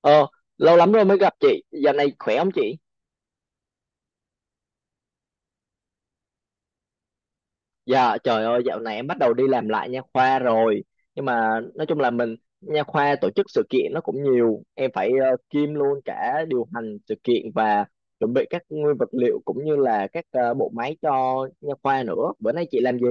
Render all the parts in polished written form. Ờ, lâu lắm rồi mới gặp chị. Dạo này khỏe không chị? Dạ, trời ơi, dạo này em bắt đầu đi làm lại nha khoa rồi. Nhưng mà nói chung là mình nha khoa tổ chức sự kiện nó cũng nhiều. Em phải kiêm luôn cả điều hành sự kiện và chuẩn bị các nguyên vật liệu cũng như là các bộ máy cho nha khoa nữa. Bữa nay chị làm gì?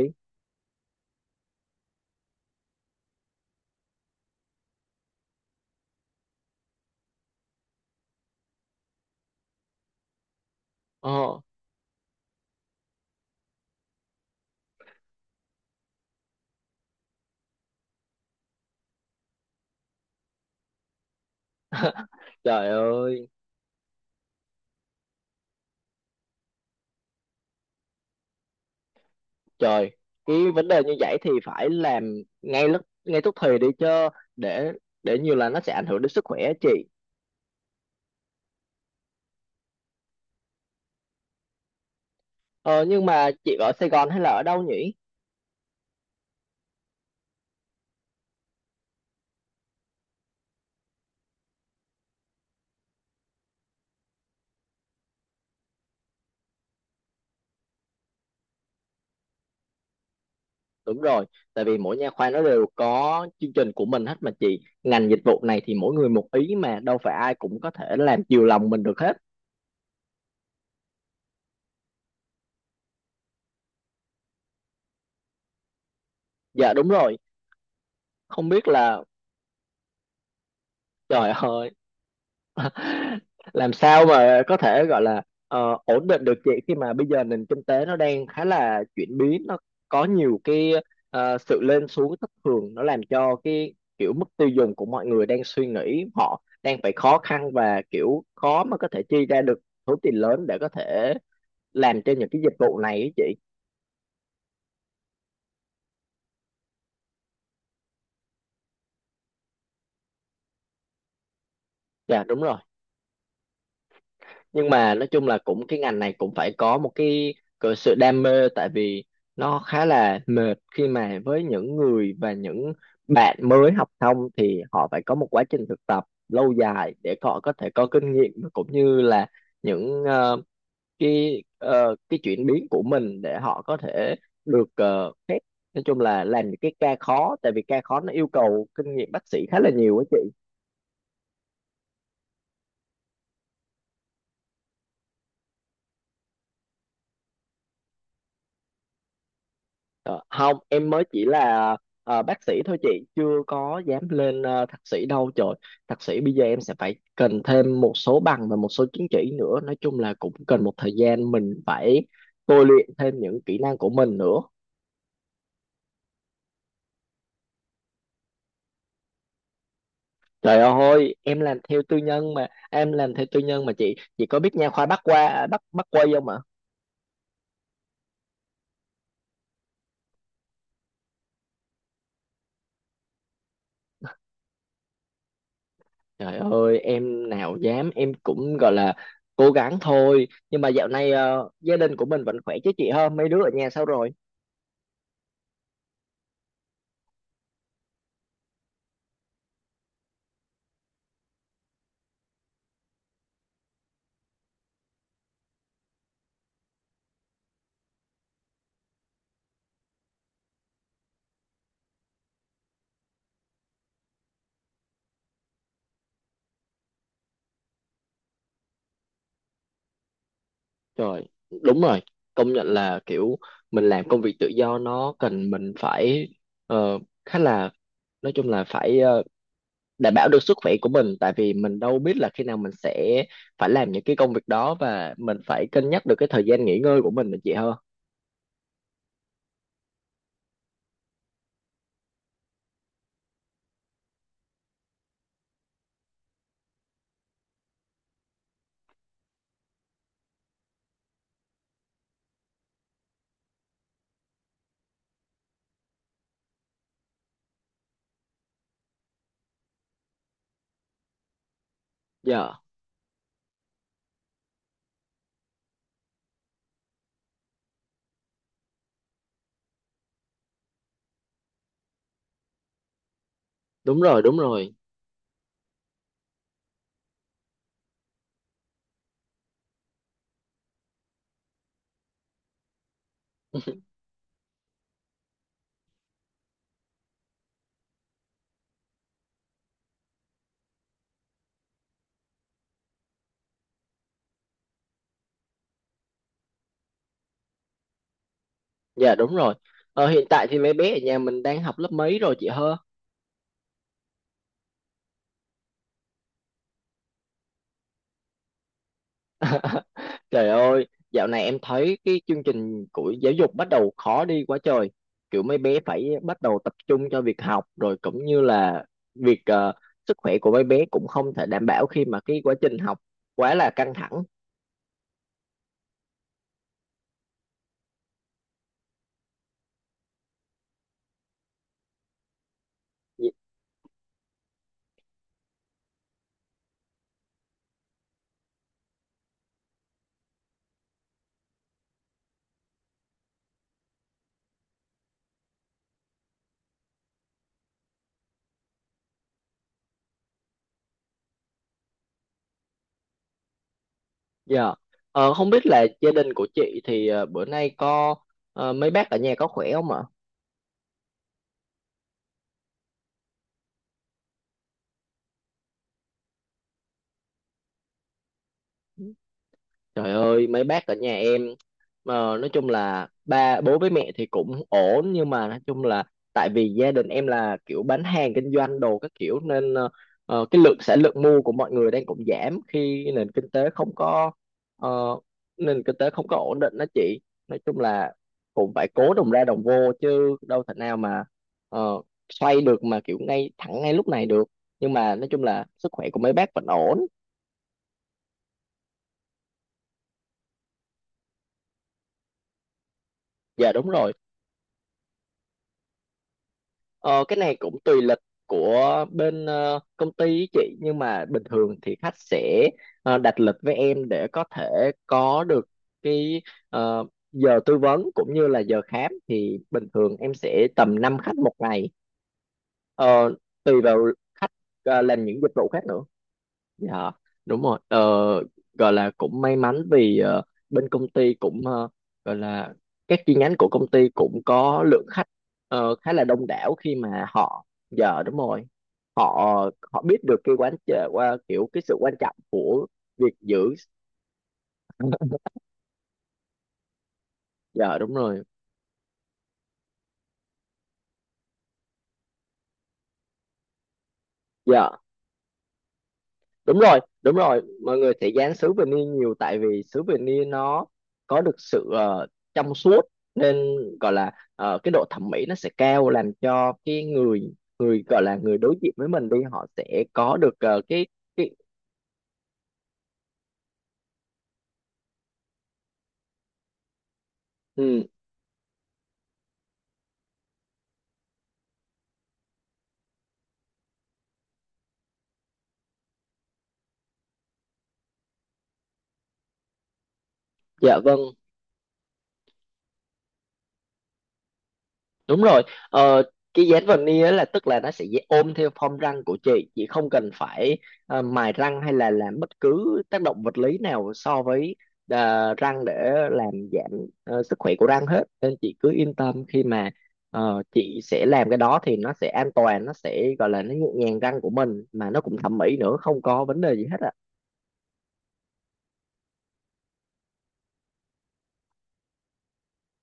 Ờ, trời ơi, trời. Cái vấn đề như vậy thì phải làm ngay lúc ngay tức thì đi chứ để để nhiều là nó sẽ ảnh hưởng đến sức khỏe á chị. Ờ, nhưng mà chị ở Sài Gòn hay là ở đâu nhỉ? Đúng rồi, tại vì mỗi nha khoa nó đều có chương trình của mình hết mà chị. Ngành dịch vụ này thì mỗi người một ý mà đâu phải ai cũng có thể làm chiều lòng mình được hết. Dạ đúng rồi, không biết là trời ơi làm sao mà có thể gọi là ổn định được chị khi mà bây giờ nền kinh tế nó đang khá là chuyển biến nó có nhiều cái sự lên xuống thất thường nó làm cho cái kiểu mức tiêu dùng của mọi người đang suy nghĩ họ đang phải khó khăn và kiểu khó mà có thể chi ra được số tiền lớn để có thể làm cho những cái dịch vụ này ấy chị. Dạ đúng rồi, nhưng mà nói chung là cũng cái ngành này cũng phải có một cái sự đam mê tại vì nó khá là mệt khi mà với những người và những bạn mới học xong thì họ phải có một quá trình thực tập lâu dài để họ có thể có kinh nghiệm và cũng như là những cái cái chuyển biến của mình để họ có thể được phép nói chung là làm những cái ca khó tại vì ca khó nó yêu cầu kinh nghiệm bác sĩ khá là nhiều á chị. Ờ, không em mới chỉ là bác sĩ thôi chị, chưa có dám lên thạc sĩ đâu trời. Thạc sĩ bây giờ em sẽ phải cần thêm một số bằng và một số chứng chỉ nữa, nói chung là cũng cần một thời gian mình phải tôi luyện thêm những kỹ năng của mình nữa. Trời ơi em làm theo tư nhân mà em làm theo tư nhân mà chị có biết nha khoa Bắc qua à, Bắc Bắc Quây không ạ? Trời ơi em nào dám, em cũng gọi là cố gắng thôi. Nhưng mà dạo này gia đình của mình vẫn khỏe chứ chị, ha mấy đứa ở nhà sao rồi? Trời, đúng rồi. Công nhận là kiểu mình làm công việc tự do nó cần mình phải ờ, khá là nói chung là phải đảm bảo được sức khỏe của mình tại vì mình đâu biết là khi nào mình sẽ phải làm những cái công việc đó và mình phải cân nhắc được cái thời gian nghỉ ngơi của mình nữa chị hơn. Dạ, đúng rồi, đúng rồi. Dạ, đúng rồi. Ờ, hiện tại thì mấy bé ở nhà mình đang học lớp mấy rồi chị hơ? Trời ơi, dạo này em thấy cái chương trình của giáo dục bắt đầu khó đi quá trời. Kiểu mấy bé phải bắt đầu tập trung cho việc học rồi cũng như là việc sức khỏe của mấy bé cũng không thể đảm bảo khi mà cái quá trình học quá là căng thẳng. Dạ. Dạ. Ờ, không biết là gia đình của chị thì bữa nay có mấy bác ở nhà có khỏe không ạ? Trời ơi, mấy bác ở nhà em mà nói chung là ba bố với mẹ thì cũng ổn, nhưng mà nói chung là tại vì gia đình em là kiểu bán hàng kinh doanh đồ các kiểu nên cái lượng sản lượng mua của mọi người đang cũng giảm khi nền kinh tế không có ờ, nền kinh tế không có ổn định đó chị. Nói chung là cũng phải cố đồng ra đồng vô chứ đâu thể nào mà ờ, xoay được mà kiểu ngay thẳng ngay lúc này được. Nhưng mà nói chung là sức khỏe của mấy bác vẫn ổn. Dạ đúng rồi. Ờ, cái này cũng tùy lịch của bên công ty ý chị, nhưng mà bình thường thì khách sẽ đặt lịch với em để có thể có được cái ờ, giờ tư vấn cũng như là giờ khám thì bình thường em sẽ tầm 5 khách một ngày. Ờ, tùy vào khách làm những dịch vụ khác nữa. Dạ đúng rồi, gọi là cũng may mắn vì bên công ty cũng gọi là các chi nhánh của công ty cũng có lượng khách khá là đông đảo khi mà họ giờ đúng rồi họ họ biết được cái quán chợ qua kiểu cái sự quan trọng của việc giữ. Dạ đúng rồi, giờ đúng rồi, đúng rồi, mọi người sẽ dán sứ vinny nhiều tại vì sứ vinny nó có được sự trong suốt nên gọi là cái độ thẩm mỹ nó sẽ cao làm cho cái người người gọi là người đối diện với mình đi họ sẽ có được cái ừ, dạ vâng. Đúng rồi, ờ, cái dán veneer á là tức là nó sẽ dễ ôm theo form răng của chị không cần phải mài răng hay là làm bất cứ tác động vật lý nào so với răng để làm giảm sức khỏe của răng hết. Nên chị cứ yên tâm khi mà chị sẽ làm cái đó thì nó sẽ an toàn, nó sẽ gọi là nó nhẹ nhàng răng của mình mà nó cũng thẩm mỹ nữa, không có vấn đề gì hết ạ.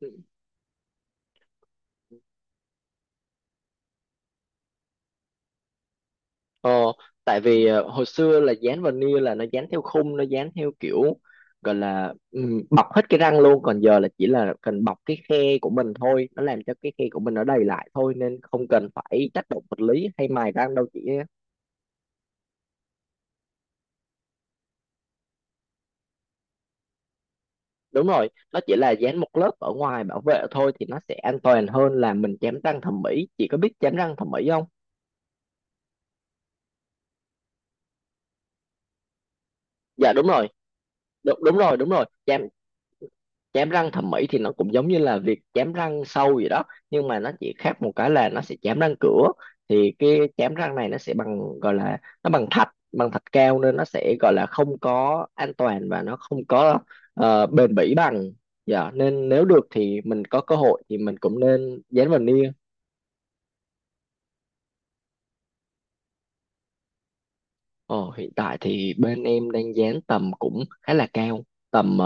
Ừ. Ờ, tại vì hồi xưa là dán veneer là nó dán theo khung, nó dán theo kiểu gọi là bọc hết cái răng luôn, còn giờ là chỉ là cần bọc cái khe của mình thôi, nó làm cho cái khe của mình nó đầy lại thôi nên không cần phải tác động vật lý hay mài răng đâu chị. Á. Đúng rồi, nó chỉ là dán một lớp ở ngoài bảo vệ thôi thì nó sẽ an toàn hơn là mình chém răng thẩm mỹ. Chị có biết chém răng thẩm mỹ không? Dạ đúng rồi, đúng rồi. Chém chém răng thẩm mỹ thì nó cũng giống như là việc chém răng sâu gì đó, nhưng mà nó chỉ khác một cái là nó sẽ chém răng cửa thì cái chém răng này nó sẽ bằng gọi là nó bằng thạch cao nên nó sẽ gọi là không có an toàn và nó không có bền bỉ bằng. Dạ nên nếu được thì mình có cơ hội thì mình cũng nên dán veneer. Ồ, hiện tại thì bên em đang dán tầm cũng khá là cao, tầm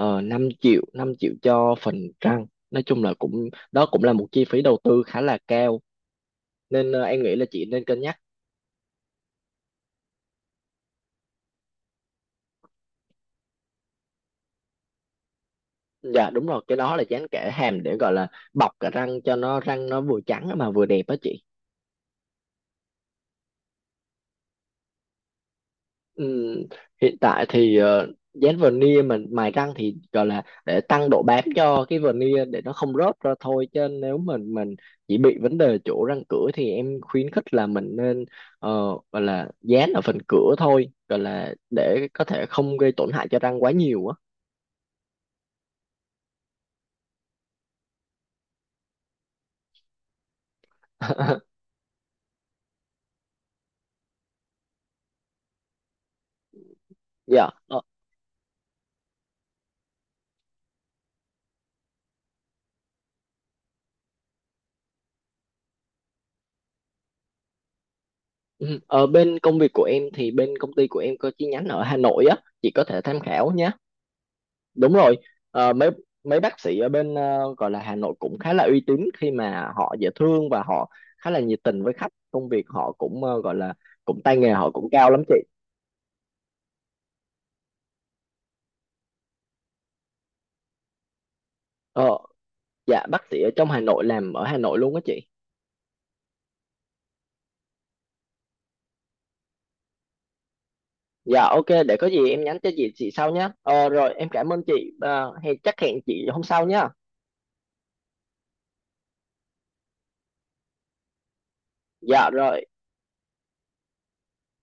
5 triệu 5 triệu cho phần răng, nói chung là cũng đó cũng là một chi phí đầu tư khá là cao nên em nghĩ là chị nên cân nhắc. Dạ đúng rồi, cái đó là dán kẽ hàm để gọi là bọc cả răng cho nó răng nó vừa trắng mà vừa đẹp á chị. Ừm, hiện tại thì dán veneer mà mài răng thì gọi là để tăng độ bám cho cái veneer để nó không rớt ra thôi, chứ nếu mình chỉ bị vấn đề chỗ răng cửa thì em khuyến khích là mình nên ờ, gọi là dán ở phần cửa thôi gọi là để có thể không gây tổn hại cho răng quá nhiều á. Dạ. Ừ, ở bên công việc của em thì bên công ty của em có chi nhánh ở Hà Nội á, chị có thể tham khảo nhé. Đúng rồi, mấy mấy bác sĩ ở bên gọi là Hà Nội cũng khá là uy tín khi mà họ dễ thương và họ khá là nhiệt tình với khách. Công việc họ cũng gọi là cũng tay nghề họ cũng cao lắm chị. Ờ, dạ bác sĩ ở trong Hà Nội làm ở Hà Nội luôn á chị. Dạ ok, để có gì em nhắn cho chị sau nhé. Ờ, rồi em cảm ơn chị, ờ, hẹn chị hôm sau nhé. Dạ rồi.